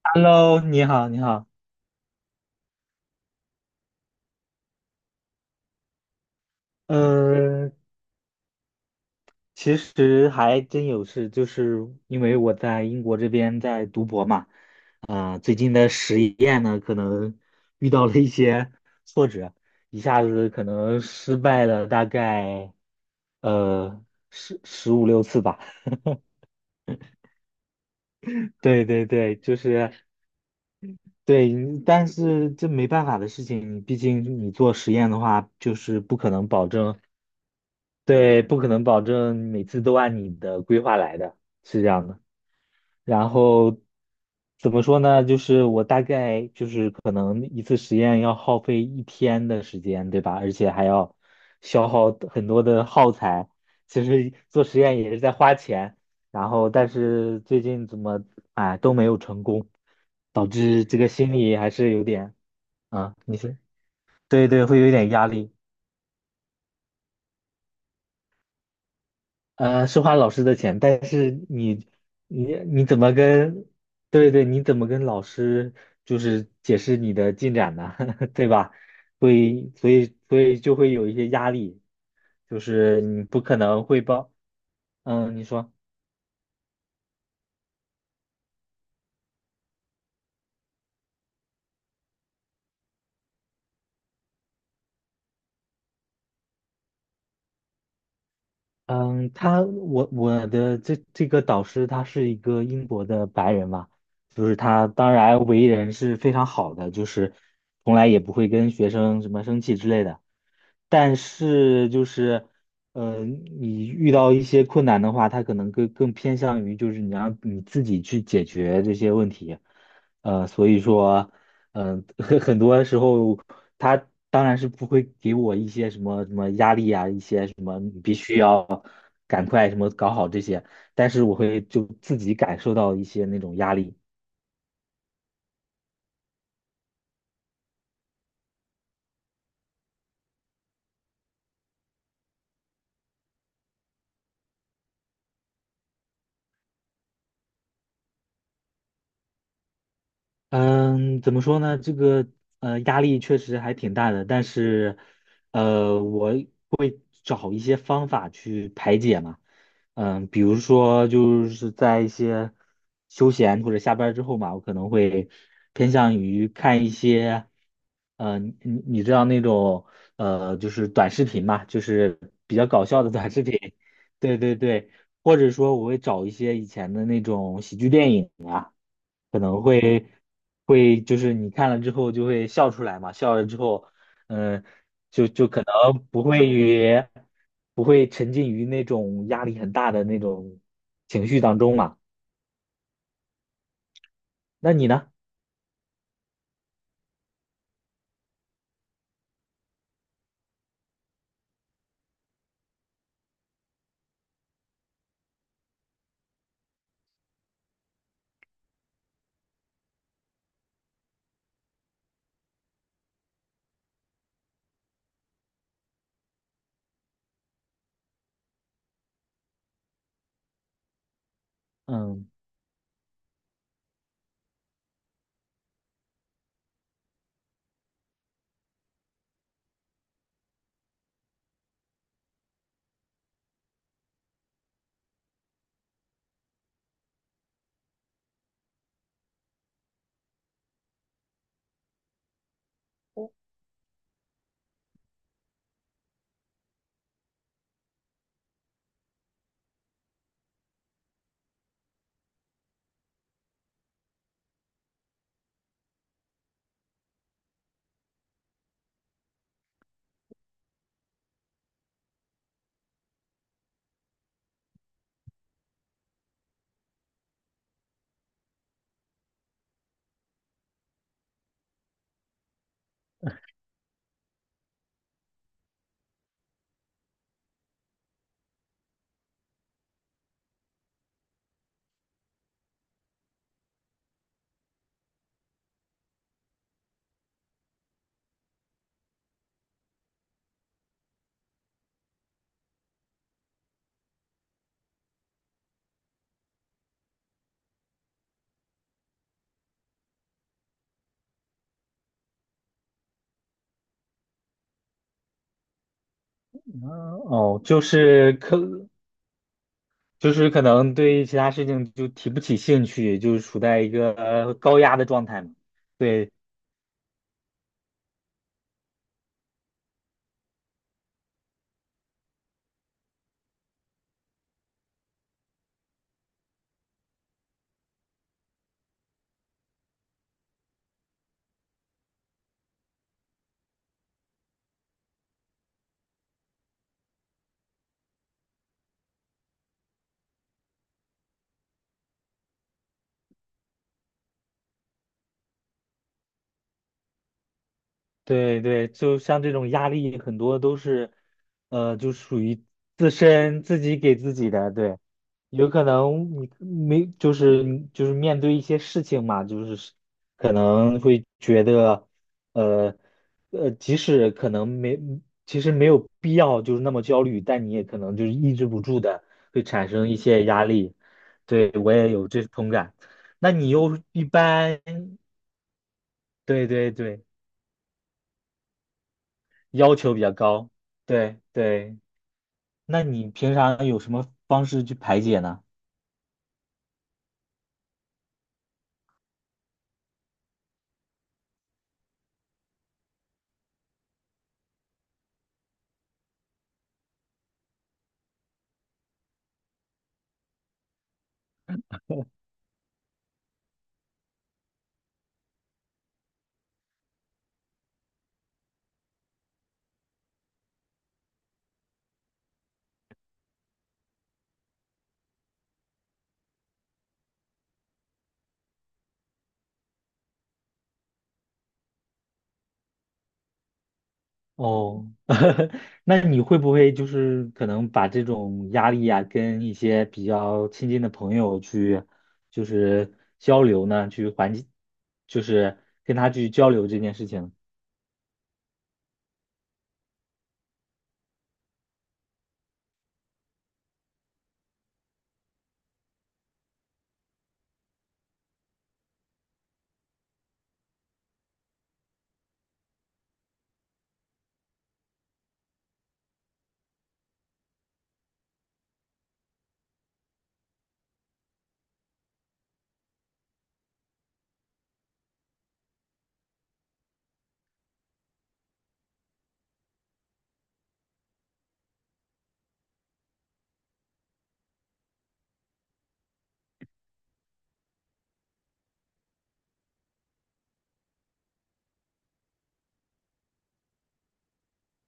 Hello，你好，你好。嗯，其实还真有事，就是因为我在英国这边在读博嘛，最近的实验呢，可能 遇到了一些 挫折，一下子可能失败了大概呃十五六次吧。对对对，就是对，但是这没办法的事情，毕竟你做实验的话，就是不可能保证。对，不可能保证每次都按你的规划来的，是这样的。然后怎么说呢？就是我大概就是可能一次实验要耗费一天的时间，对吧？而且还要消耗很多的耗材。其实做实验也是在花钱，然后但是最近怎么哎都没有成功，导致这个心里还是有点啊，你说对对，会有一点压力。是花老师的钱，但是你怎么跟，对对，你怎么跟老师就是解释你的进展呢？对吧？所以就会有一些压力，就是你不可能汇报，嗯，你说。嗯，我的这个导师他是一个英国的白人嘛，就是他当然为人是非常好的，就是从来也不会跟学生什么生气之类的。但是就是，你遇到一些困难的话，他可能更偏向于就是你让你自己去解决这些问题。所以说，很多时候他当然是不会给我一些什么什么压力啊，一些什么你必须要。赶快什么搞好这些，但是我会就自己感受到一些那种压力。嗯，怎么说呢？这个压力确实还挺大的，但是我找一些方法去排解嘛。比如说就是在一些休闲或者下班儿之后嘛，我可能会偏向于看一些，你知道那种就是短视频嘛，就是比较搞笑的短视频，对对对，或者说我会找一些以前的那种喜剧电影啊，可能会就是你看了之后就会笑出来嘛，笑了之后。嗯，然后不会沉浸于那种压力很大的那种情绪当中嘛。那你呢？嗯，哦，就是就是可能对其他事情就提不起兴趣，就是处在一个高压的状态嘛。对，对对，就像这种压力，很多都是，呃，就属于自己给自己的。对，有可能你没，就是面对一些事情嘛，就是可能会觉得，呃即使可能没，其实没有必要就是那么焦虑，但你也可能就是抑制不住的会产生一些压力。对，我也有这同感。那你又一般，对对对。要求比较高。对对，那你平常有什么方式去排解呢？哦，那你会不会就是可能把这种压力呀、跟一些比较亲近的朋友去，就是交流呢，去缓解，就是跟他去交流这件事情。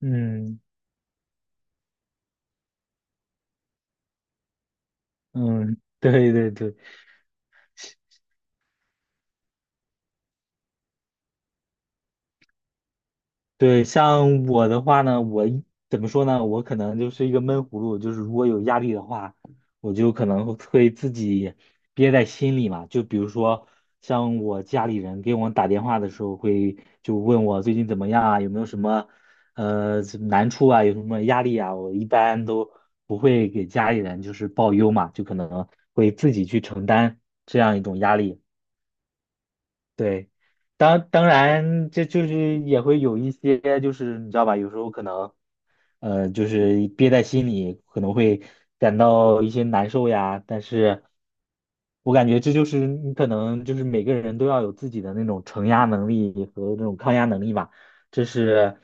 嗯嗯，对对对。对，像我的话呢，怎么说呢？我可能就是一个闷葫芦，就是如果有压力的话，我就可能会自己憋在心里嘛。就比如说，像我家里人给我打电话的时候，会就问我最近怎么样啊，有没有什么难处啊，有什么压力啊，我一般都不会给家里人就是报忧嘛，就可能会自己去承担这样一种压力。对，当然，这就是也会有一些，就是你知道吧，有时候可能，就是憋在心里，可能会感到一些难受呀。但是，我感觉这就是你可能就是每个人都要有自己的那种承压能力和那种抗压能力吧，这是，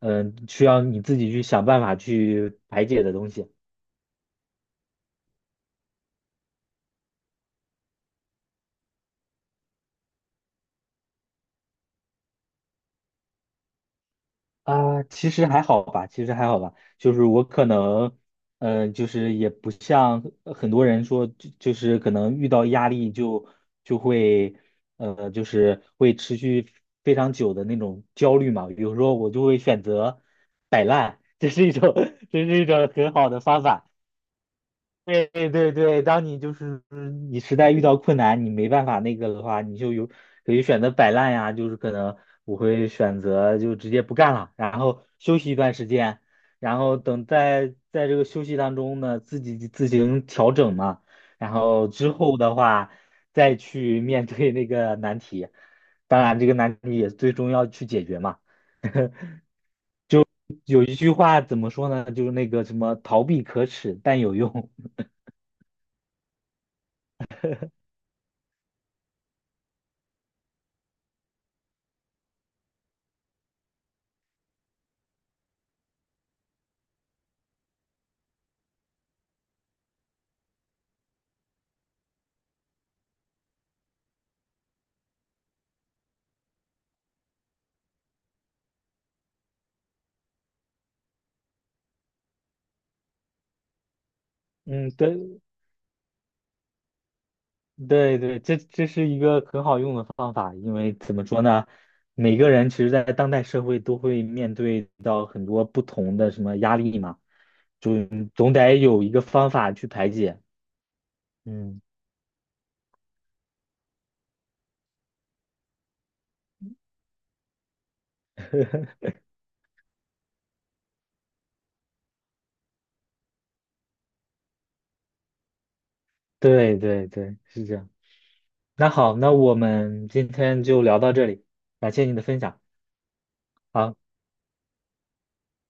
需要你自己去想办法去排解的东西。啊，其实还好吧，其实还好吧，就是我可能，就是也不像很多人说，就是可能遇到压力就会，就是会持续非常久的那种焦虑嘛。比如说，我就会选择摆烂，这是一种，这是一种很好的方法。对对对，当你就是你实在遇到困难，你没办法那个的话，你就有可以选择摆烂呀，就是可能我会选择就直接不干了，然后休息一段时间，然后等在这个休息当中呢，自己自行调整嘛，然后之后的话再去面对那个难题，当然这个难题也最终要去解决嘛。有一句话怎么说呢？就是那个什么逃避可耻但有用，嗯，对。对对，这是一个很好用的方法，因为怎么说呢，每个人其实，在当代社会都会面对到很多不同的什么压力嘛，就总得有一个方法去排解。嗯，对对对，是这样。那好，那我们今天就聊到这里，感谢你的分享。好。